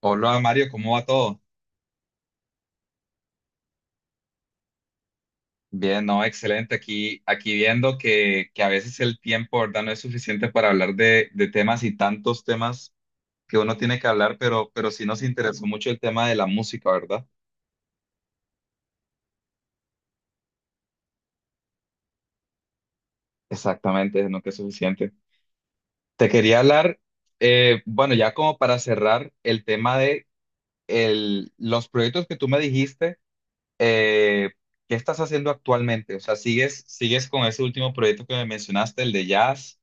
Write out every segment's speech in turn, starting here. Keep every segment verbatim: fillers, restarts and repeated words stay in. Hola Mario, ¿cómo va todo? Bien, no, excelente. Aquí, aquí viendo que, que a veces el tiempo, ¿verdad? No es suficiente para hablar de, de temas y tantos temas que uno tiene que hablar, pero, pero sí nos interesó mucho el tema de la música, ¿verdad? Exactamente, no que es suficiente. Te quería hablar, eh, bueno, ya como para cerrar el tema de el, los proyectos que tú me dijiste. eh, ¿Qué estás haciendo actualmente? O sea, ¿sigues, sigues con ese último proyecto que me mencionaste, el de jazz?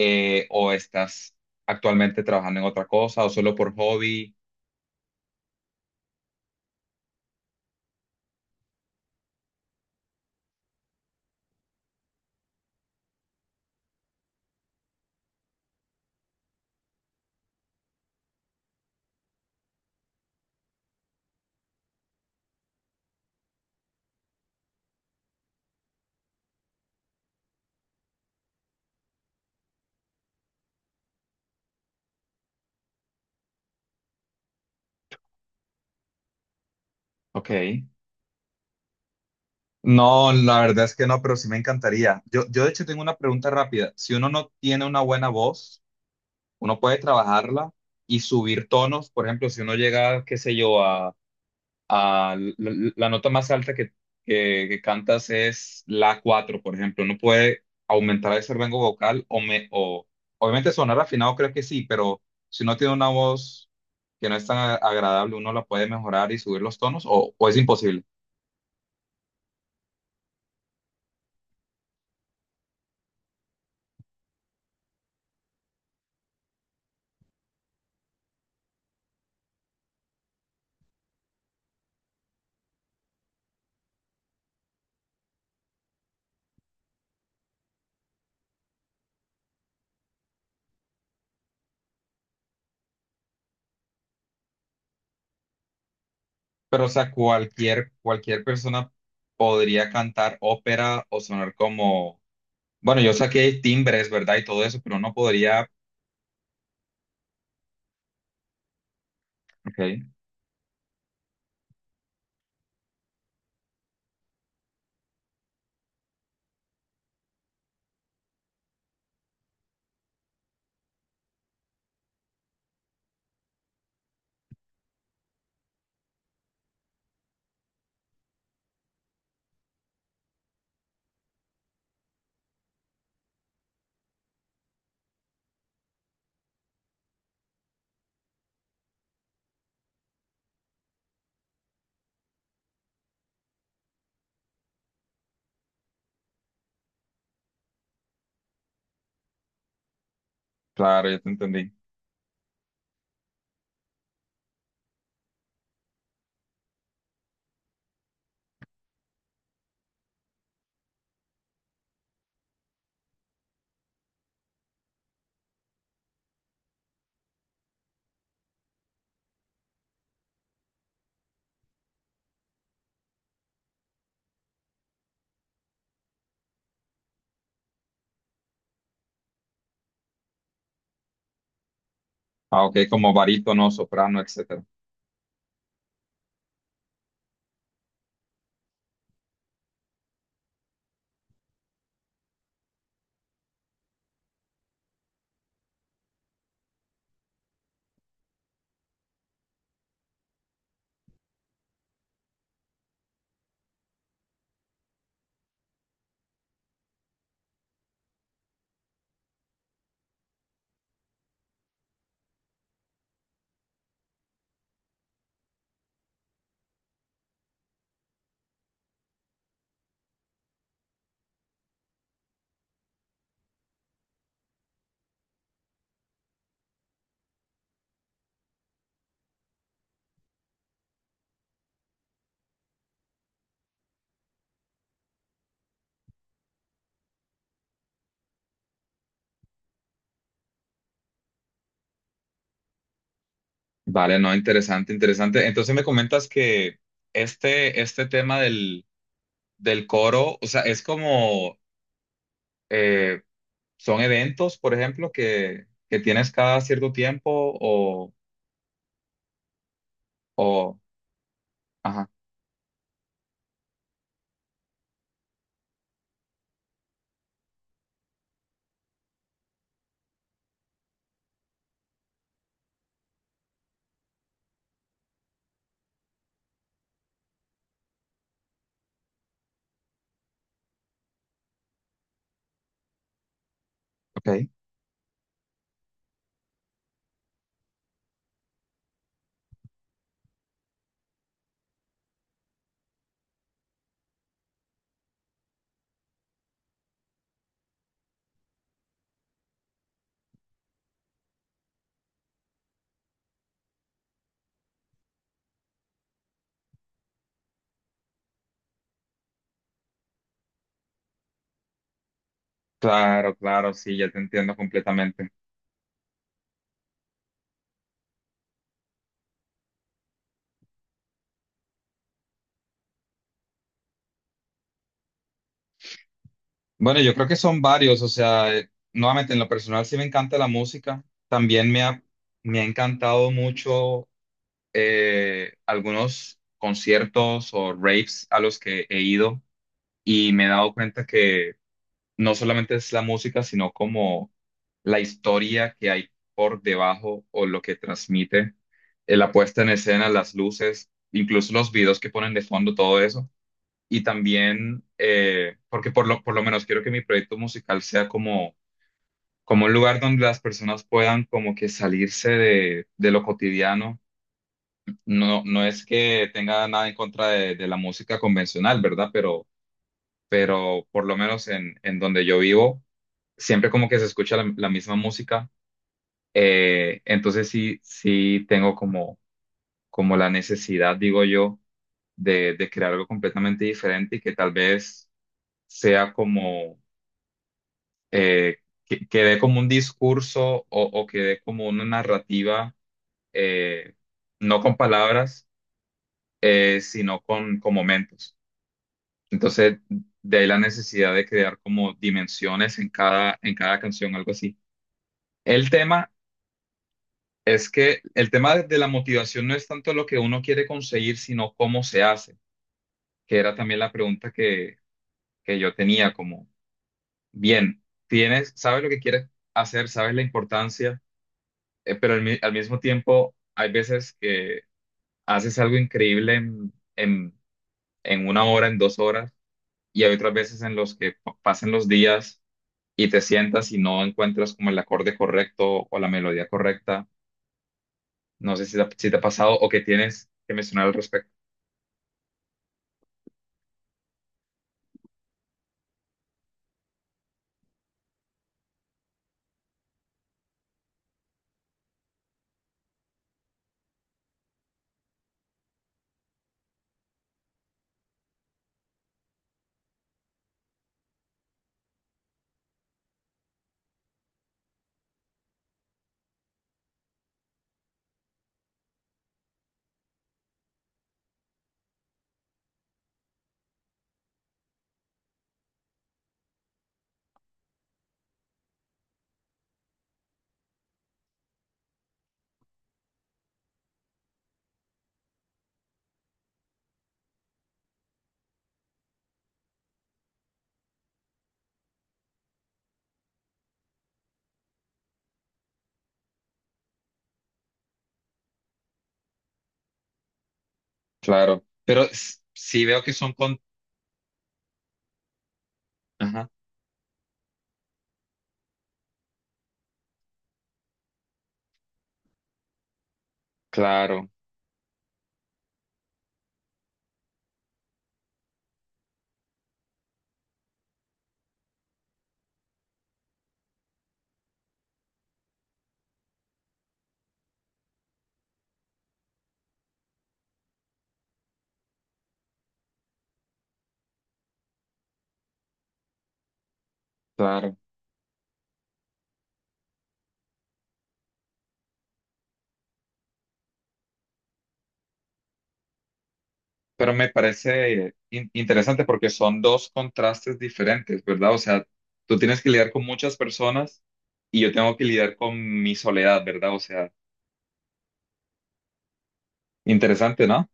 eh, ¿O estás actualmente trabajando en otra cosa o solo por hobby? Ok. No, la verdad es que no, pero sí me encantaría. Yo, yo de hecho tengo una pregunta rápida. Si uno no tiene una buena voz, uno puede trabajarla y subir tonos. Por ejemplo, si uno llega, qué sé yo, ah, la, la nota más alta que, que- que cantas es la cuatro, por ejemplo. No puede aumentar ese rango vocal o, me, o obviamente sonar afinado, creo que sí, pero si uno tiene una voz que no es tan a- agradable, ¿uno la puede mejorar y subir los tonos o, o es imposible? Pero o sea, cualquier, cualquier persona podría cantar ópera o sonar como...? Bueno, yo saqué timbres, ¿verdad? Y todo eso, pero no podría... Ok, claro, ya te entendí. Ah, ok, como barítono, soprano, etcétera. Vale, no, interesante, interesante. Entonces me comentas que este, este tema del, del coro, o sea, es como, eh, son eventos, por ejemplo, que, que tienes cada cierto tiempo o, o, ajá, ok. Claro, claro, sí, ya te entiendo completamente. Bueno, yo creo que son varios, o sea, eh, nuevamente en lo personal sí me encanta la música, también me ha, me ha encantado mucho, eh, algunos conciertos o raves a los que he ido, y me he dado cuenta que no solamente es la música, sino como la historia que hay por debajo o lo que transmite, eh, la puesta en escena, las luces, incluso los videos que ponen de fondo, todo eso. Y también, eh, porque por lo, por lo menos quiero que mi proyecto musical sea como, como un lugar donde las personas puedan como que salirse de, de lo cotidiano. No, no es que tenga nada en contra de, de la música convencional, ¿verdad? Pero, pero por lo menos en, en donde yo vivo siempre como que se escucha la, la misma música. Eh, entonces sí, sí tengo como, como la necesidad, digo yo, de, de crear algo completamente diferente y que tal vez sea como, eh, que, que dé como un discurso o, o que dé como una narrativa, eh, no con palabras, eh, sino con, con momentos. Entonces, de ahí la necesidad de crear como dimensiones en cada, en cada canción, algo así. El tema Es que el tema de de la motivación no es tanto lo que uno quiere conseguir, sino cómo se hace, que era también la pregunta que, que yo tenía, como, bien, tienes, sabes lo que quieres hacer, sabes la importancia, eh, pero al, mi- al mismo tiempo hay veces que haces algo increíble en, en, en una hora, en dos horas, y hay otras veces en los que pa- pasan los días y te sientas y no encuentras como el acorde correcto o la melodía correcta. No sé si te, ha- si te ha pasado o que tienes que mencionar al respecto. Claro, pero s- sí veo que son con... Ajá, claro, claro. Pero me parece in- interesante porque son dos contrastes diferentes, ¿verdad? O sea, tú tienes que lidiar con muchas personas y yo tengo que lidiar con mi soledad, ¿verdad? O sea, interesante, ¿no?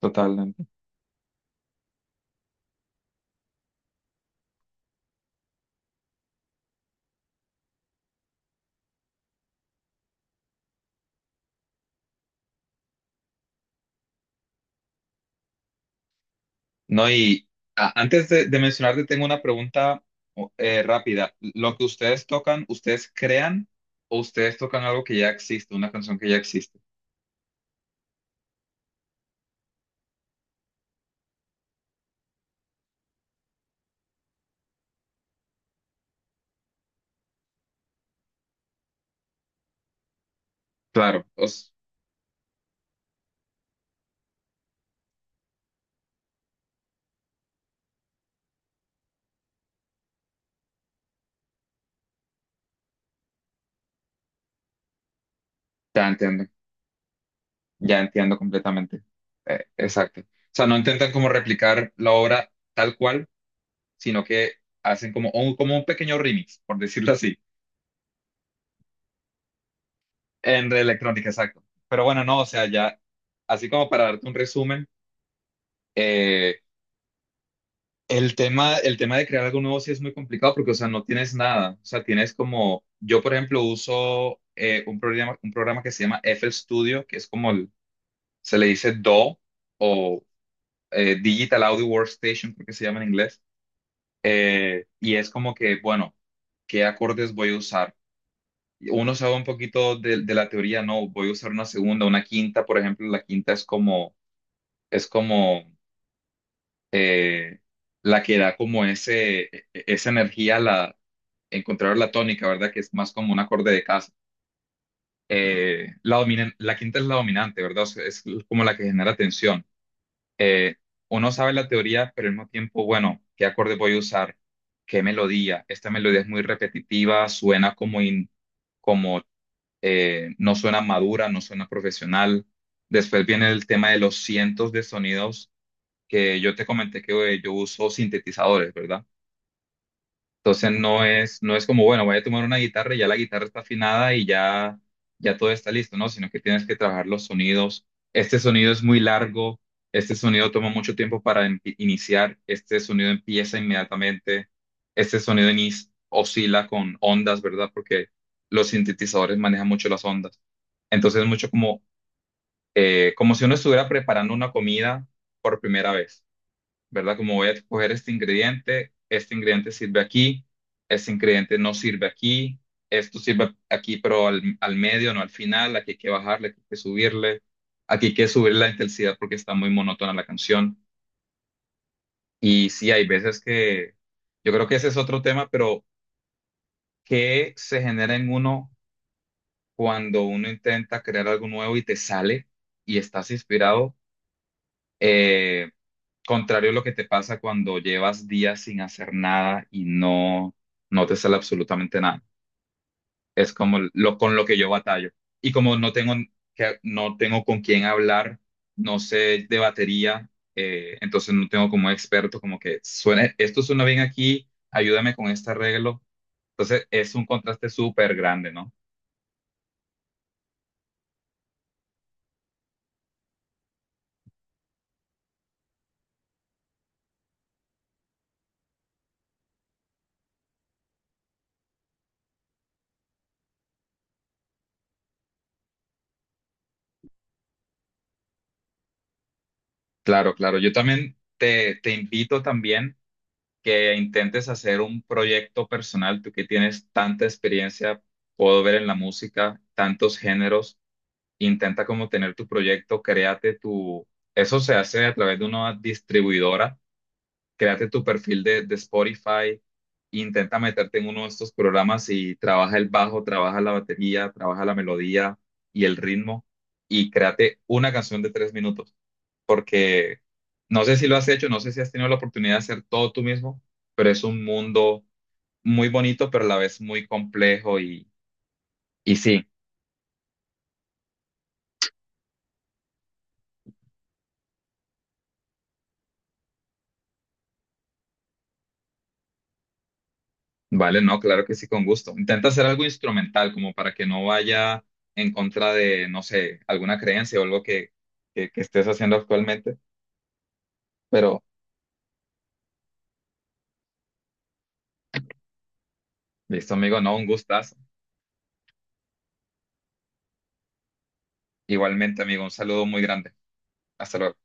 Totalmente. No, y a- antes de, de mencionarte, tengo una pregunta o- eh, rápida. ¿Lo que ustedes tocan, ustedes crean o ustedes tocan algo que ya existe, una canción que ya existe? Claro, os, te entiendo. Ya entiendo completamente. Eh, exacto. O sea, no intentan como replicar la obra tal cual, sino que hacen como un, como un pequeño remix, por decirlo así, en electrónica, exacto. Pero bueno, no, o sea, ya, así como para darte un resumen, eh, el tema, el tema de crear algo nuevo sí es muy complicado porque, o sea, no tienes nada. O sea, tienes como, yo por ejemplo uso eh, un programa, un programa que se llama F L Studio, que es como, el- se le dice DAW o eh, Digital Audio Workstation, creo que se llama en inglés. Eh, y es como que, bueno, ¿qué acordes voy a usar? Uno sabe un poquito de, de la teoría, no, voy a usar una segunda, una quinta, por ejemplo, la quinta es como, es como eh, la que da como ese, e- e- esa energía a la, encontrar la tónica, ¿verdad? Que es más como un acorde de casa. Eh, la dominan- la quinta es la dominante, ¿verdad? O sea, es como la que genera tensión. eh, Uno sabe la teoría, pero al mismo tiempo, bueno, ¿qué acorde voy a usar? ¿Qué melodía? Esta melodía es muy repetitiva, suena como, in- como eh, no suena madura, no suena profesional. Después viene el tema de los cientos de sonidos que yo te comenté que eh, yo uso sintetizadores, ¿verdad? Entonces no es, no es como, bueno, voy a tomar una guitarra y ya la guitarra está afinada y ya, ya todo está listo, ¿no? Sino que tienes que trabajar los sonidos. Este sonido es muy largo, este sonido toma mucho tiempo para em- iniciar, este sonido empieza inmediatamente, este sonido inis- oscila con ondas, ¿verdad? Porque los sintetizadores manejan mucho las ondas. Entonces es mucho como, eh, como si uno estuviera preparando una comida por primera vez. ¿Verdad? Como voy a escoger este ingrediente, este ingrediente sirve aquí, este ingrediente no sirve aquí, esto sirve aquí, pero al, al medio, no al final, aquí hay que bajarle, aquí hay que subirle, aquí hay que subir la intensidad porque está muy monótona la canción. Y sí, hay veces que yo creo que ese es otro tema, pero ¿qué se genera en uno cuando uno intenta crear algo nuevo y te sale y estás inspirado? Eh, Contrario a lo que te pasa cuando llevas días sin hacer nada y no, no te sale absolutamente nada. Es como lo con lo que yo batallo. Y como no tengo, que, no tengo con quién hablar, no sé de batería, eh, entonces no tengo como experto, como que suena, esto suena bien aquí, ayúdame con este arreglo. Entonces es un contraste súper grande, ¿no? Claro, claro. Yo también te, te invito también que intentes hacer un proyecto personal, tú que tienes tanta experiencia, puedo ver en la música, tantos géneros, intenta como tener tu proyecto, créate tu, eso se hace a través de una distribuidora, créate tu perfil de, de Spotify, intenta meterte en uno de estos programas y trabaja el bajo, trabaja la batería, trabaja la melodía y el ritmo y créate una canción de tres minutos, porque no sé si lo has hecho, no sé si has tenido la oportunidad de hacer todo tú mismo, pero es un mundo muy bonito, pero a la vez muy complejo y, y sí. Vale, no, claro que sí, con gusto. Intenta hacer algo instrumental, como para que no vaya en contra de, no sé, alguna creencia o algo que, que, que estés haciendo actualmente, pero listo, amigo, no, un gustazo. Igualmente, amigo, un saludo muy grande. Hasta luego.